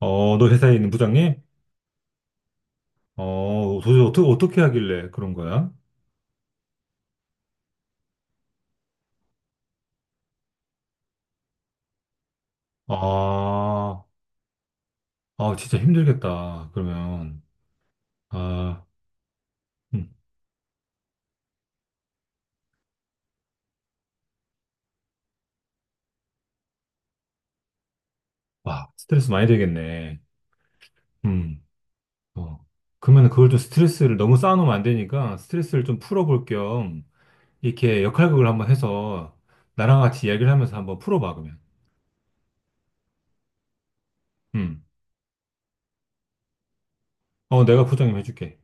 너 회사에 있는 부장님? 도대체 어떻게 하길래 그런 거야? 아, 진짜 힘들겠다. 그러면, 아. 음. 와, 스트레스 많이 되겠네. 음. 어. 그러면 그걸 좀 스트레스를 너무 쌓아놓으면 안 되니까 스트레스를 좀 풀어볼 겸 이렇게 역할극을 한번 해서 나랑 같이 이야기를 하면서 한번 풀어봐, 그러면. 음, 내가 부장님 해줄게.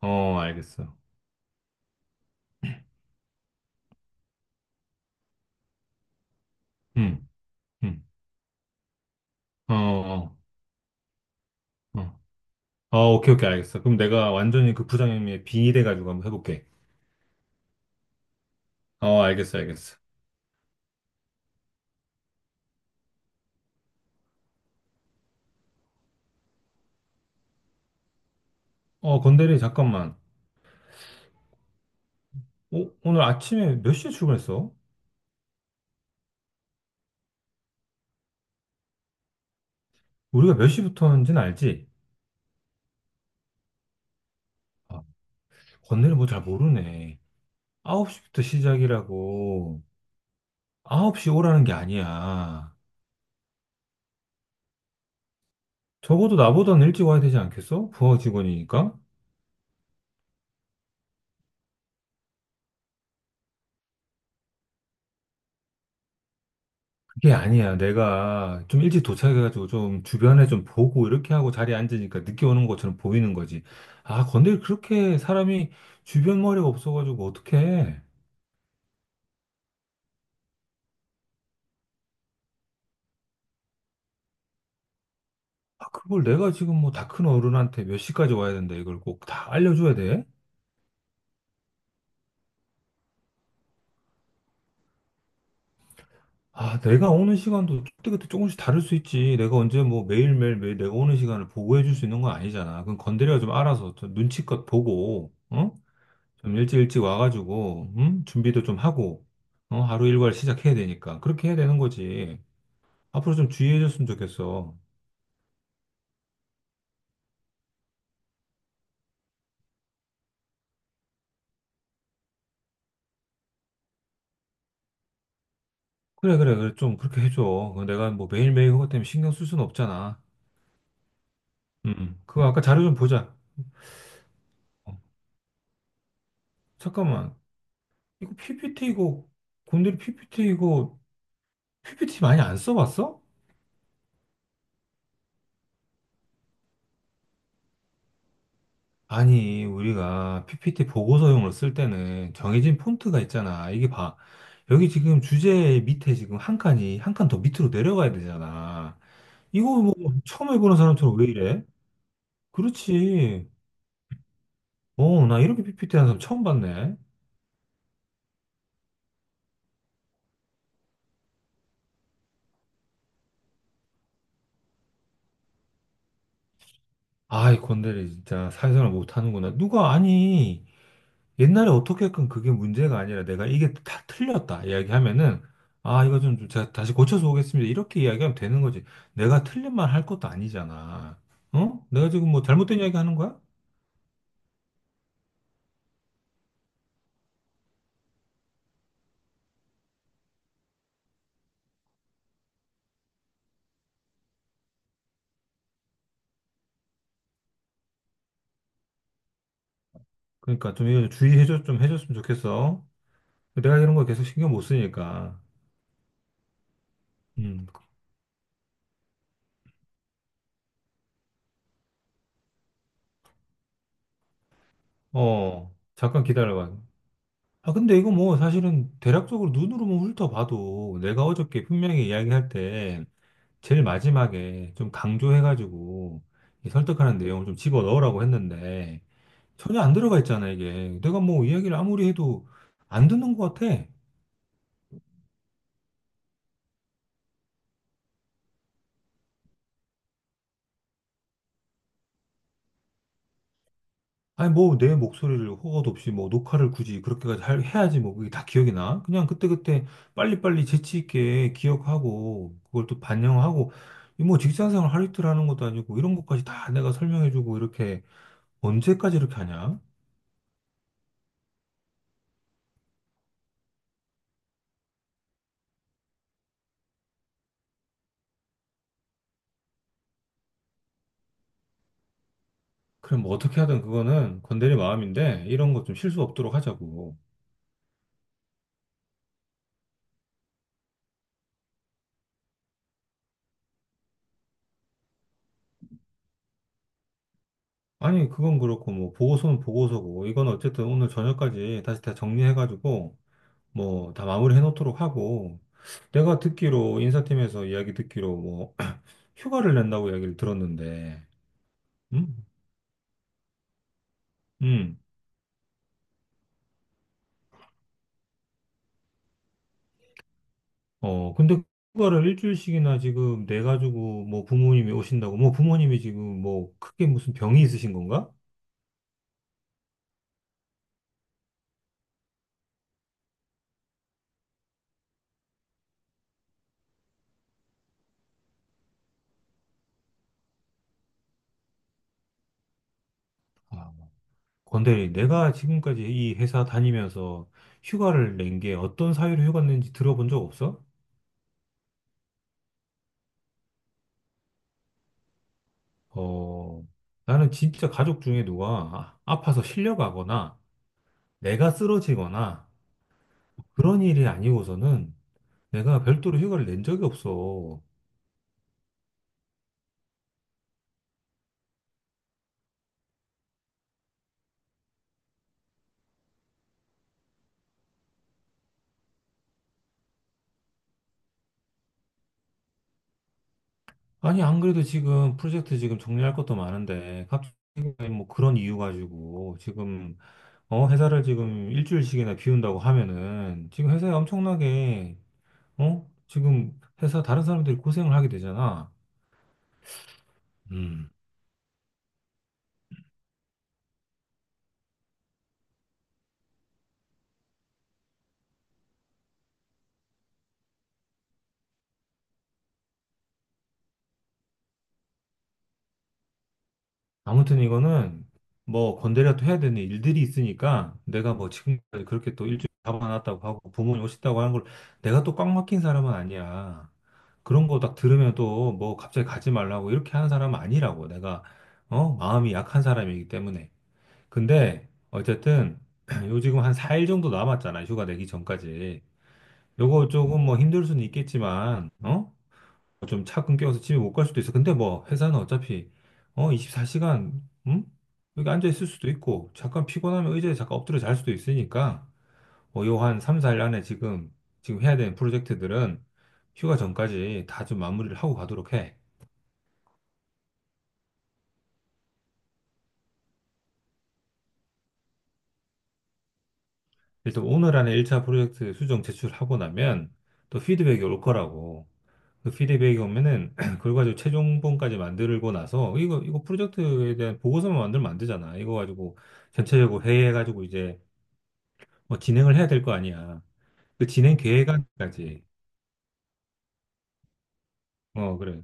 알겠어. 음. 음. 어. 어. 어. 오케이, 오케이, 알겠어. 그럼 내가 완전히 그 부장님의 빙의돼가지고 한번 해볼게. 알겠어, 알겠어. 건대리, 잠깐만. 오늘 아침에 몇 시에 출근했어? 우리가 몇 시부터 하는지는 알지? 아, 건대리 뭐 잘 모르네. 9시부터 시작이라고. 9시 오라는 게 아니야. 적어도 나보다는 일찍 와야 되지 않겠어? 부하 직원이니까? 그게 아니야. 내가 좀 일찍 도착해가지고 좀 주변에 좀 보고 이렇게 하고 자리에 앉으니까 늦게 오는 것처럼 보이는 거지. 근데 그렇게 사람이 주변 머리가 없어가지고 어떡해. 그걸 내가 지금 뭐 다 큰 어른한테 몇 시까지 와야 된다 이걸 꼭 다 알려줘야 돼? 내가 오는 시간도 그때그때 조금씩 다를 수 있지. 내가 언제 뭐 매일매일 매일 내가 오는 시간을 보고해 줄 수 있는 건 아니잖아. 그건 건드려 좀 알아서 좀 눈치껏 보고, 어? 좀 일찍 일찍 와가지고, 음? 준비도 좀 하고, 어? 하루 일과를 시작해야 되니까. 그렇게 해야 되는 거지. 앞으로 좀 주의해줬으면 좋겠어. 그래, 그래, 그래. 좀 그렇게 해줘. 내가 뭐 매일매일 그것 때문에 신경 쓸 수는 없잖아. 그거 아까 자료 좀 보자. 어, 잠깐만. 이거 PPT 이거, 곰돌이 PPT 이거, PPT 많이 안 써봤어? 아니, 우리가 PPT 보고서용으로 쓸 때는 정해진 폰트가 있잖아. 이게 봐. 여기 지금 주제 밑에 지금 한 칸이 한 칸 더 밑으로 내려가야 되잖아. 이거 뭐 처음 해보는 사람처럼 왜 이래? 그렇지. 나 이렇게 PPT 하는 사람 처음 봤네. 아이, 건달이 진짜 사회생활 못하는구나. 누가 아니. 옛날에 어떻게든 그게 문제가 아니라 내가 이게 다 틀렸다 이야기하면은 아, 이거 좀 제가 다시 고쳐서 오겠습니다, 이렇게 이야기하면 되는 거지. 내가 틀린 말 할 것도 아니잖아. 어? 내가 지금 뭐 잘못된 이야기 하는 거야? 그러니까 좀 이거 좀 주의해 줘, 좀 해줬으면 좋겠어. 내가 이런 거 계속 신경 못 쓰니까. 음. 잠깐 기다려봐. 근데 이거 뭐 사실은 대략적으로 눈으로만 훑어봐도 내가 어저께 분명히 이야기할 때 제일 마지막에 좀 강조해가지고 이 설득하는 내용을 좀 집어 넣으라고 했는데 전혀 안 들어가 있잖아, 이게. 내가 뭐 이야기를 아무리 해도 안 듣는 것 같아. 아니, 뭐 내 목소리를 허가도 없이 뭐 녹화를 굳이 그렇게까지 해야지. 뭐 그게 다 기억이 나? 그냥 그때그때 빨리빨리 재치 있게 기억하고 그걸 또 반영하고 이뭐 직장생활 하루 이틀 하는 것도 아니고 이런 것까지 다 내가 설명해주고 이렇게 언제까지 이렇게 하냐? 그럼 뭐 어떻게 하든 그거는 건드릴 마음인데 이런 거 좀 실수 없도록 하자고. 아니, 그건 그렇고, 뭐, 보고서는 보고서고, 이건 어쨌든 오늘 저녁까지 다시 다 정리해가지고, 뭐, 다 마무리 해놓도록 하고, 내가 듣기로, 인사팀에서 이야기 듣기로, 뭐, 휴가를 낸다고 이야기를 들었는데, 음? 음, 근데 휴가를 일주일씩이나 지금 내가지고, 뭐, 부모님이 오신다고, 뭐, 부모님이 지금 뭐, 크게 무슨 병이 있으신 건가? 아, 건대리, 내가 지금까지 이 회사 다니면서 휴가를 낸 게 어떤 사유로 휴가 낸지 들어본 적 없어? 어, 나는 진짜 가족 중에 누가 아파서 실려가거나 내가 쓰러지거나 그런 일이 아니고서는 내가 별도로 휴가를 낸 적이 없어. 아니, 안 그래도 지금 프로젝트 지금 정리할 것도 많은데 갑자기 뭐 그런 이유 가지고 지금 회사를 지금 일주일씩이나 비운다고 하면은 지금 회사에 엄청나게 어? 지금 회사 다른 사람들이 고생을 하게 되잖아. 음. 아무튼 이거는 뭐 건드려도 해야 되는 일들이 있으니까 내가 뭐 지금까지 그렇게 또 일주일 잡아놨다고 하고 부모님 오셨다고 하는 걸 내가 또 꽉 막힌 사람은 아니야. 그런 거 딱 들으면 또 뭐 갑자기 가지 말라고 이렇게 하는 사람은 아니라고. 내가 어? 마음이 약한 사람이기 때문에. 근데 어쨌든 요 지금 한 4일 정도 남았잖아. 휴가 내기 전까지. 요거 조금 뭐 힘들 수는 있겠지만 어? 좀 차 끊겨서 집에 못 갈 수도 있어. 근데 뭐 회사는 어차피 24시간, 응? 여기 앉아 있을 수도 있고 잠깐 피곤하면 의자에 잠깐 엎드려 잘 수도 있으니까 요한 3, 4일 안에 지금 해야 되는 프로젝트들은 휴가 전까지 다 좀 마무리를 하고 가도록 해. 일단 오늘 안에 1차 프로젝트 수정 제출하고 나면 또 피드백이 올 거라고. 그 피드백이 오면은 그걸 가지고 최종본까지 만들고 나서 이거 프로젝트에 대한 보고서만 만들면 안 되잖아. 이거 가지고 전체적으로 회의해가지고 이제 뭐 진행을 해야 될 거 아니야. 그 진행 계획안까지. 그래.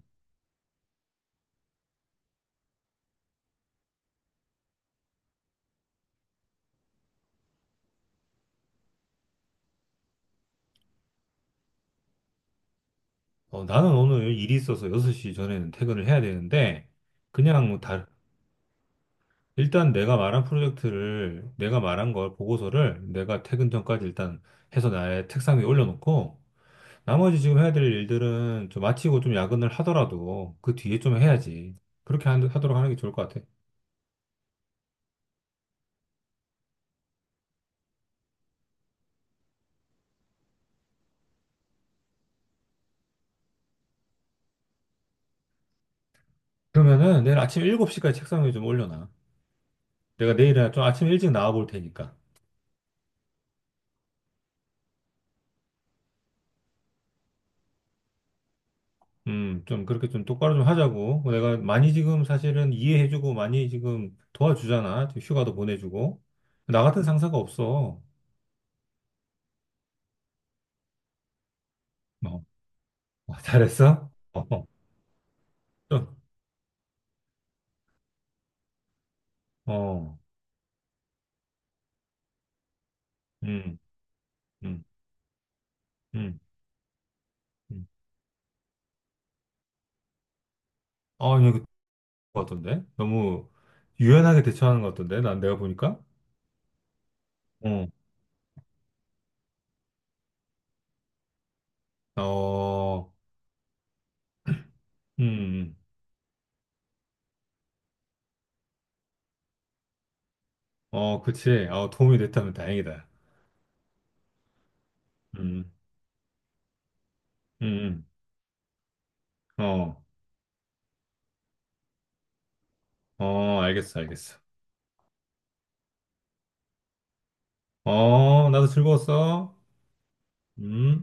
나는 오늘 일이 있어서 6시 전에는 퇴근을 해야 되는데, 그냥 뭐 다, 일단 내가 말한 프로젝트를, 내가 말한 걸, 보고서를 내가 퇴근 전까지 일단 해서 나의 책상 위에 올려놓고, 나머지 지금 해야 될 일들은 좀 마치고 좀 야근을 하더라도 그 뒤에 좀 해야지. 그렇게 하도록 하는 게 좋을 것 같아. 그러면은 내일 아침 7시까지 책상 위에 좀 올려놔. 내가 내일은 좀 아침 일찍 나와 볼 테니까. 좀 그렇게 좀 똑바로 좀 하자고. 내가 많이 지금 사실은 이해해주고 많이 지금 도와주잖아. 지금 휴가도 보내주고. 나 같은 상사가 없어. 어, 어, 잘했어? 어, 어, 좀, 어, 음, 음, 음, 음. 이거 같던데? 너무 유연하게 대처하는 것 같던데? 난 내가 보니까? 어, 어, 음, 음. 그치. 도움이 됐다면 다행이다. 음, 음, 어, 어, 알겠어, 알겠어. 나도 즐거웠어. 음.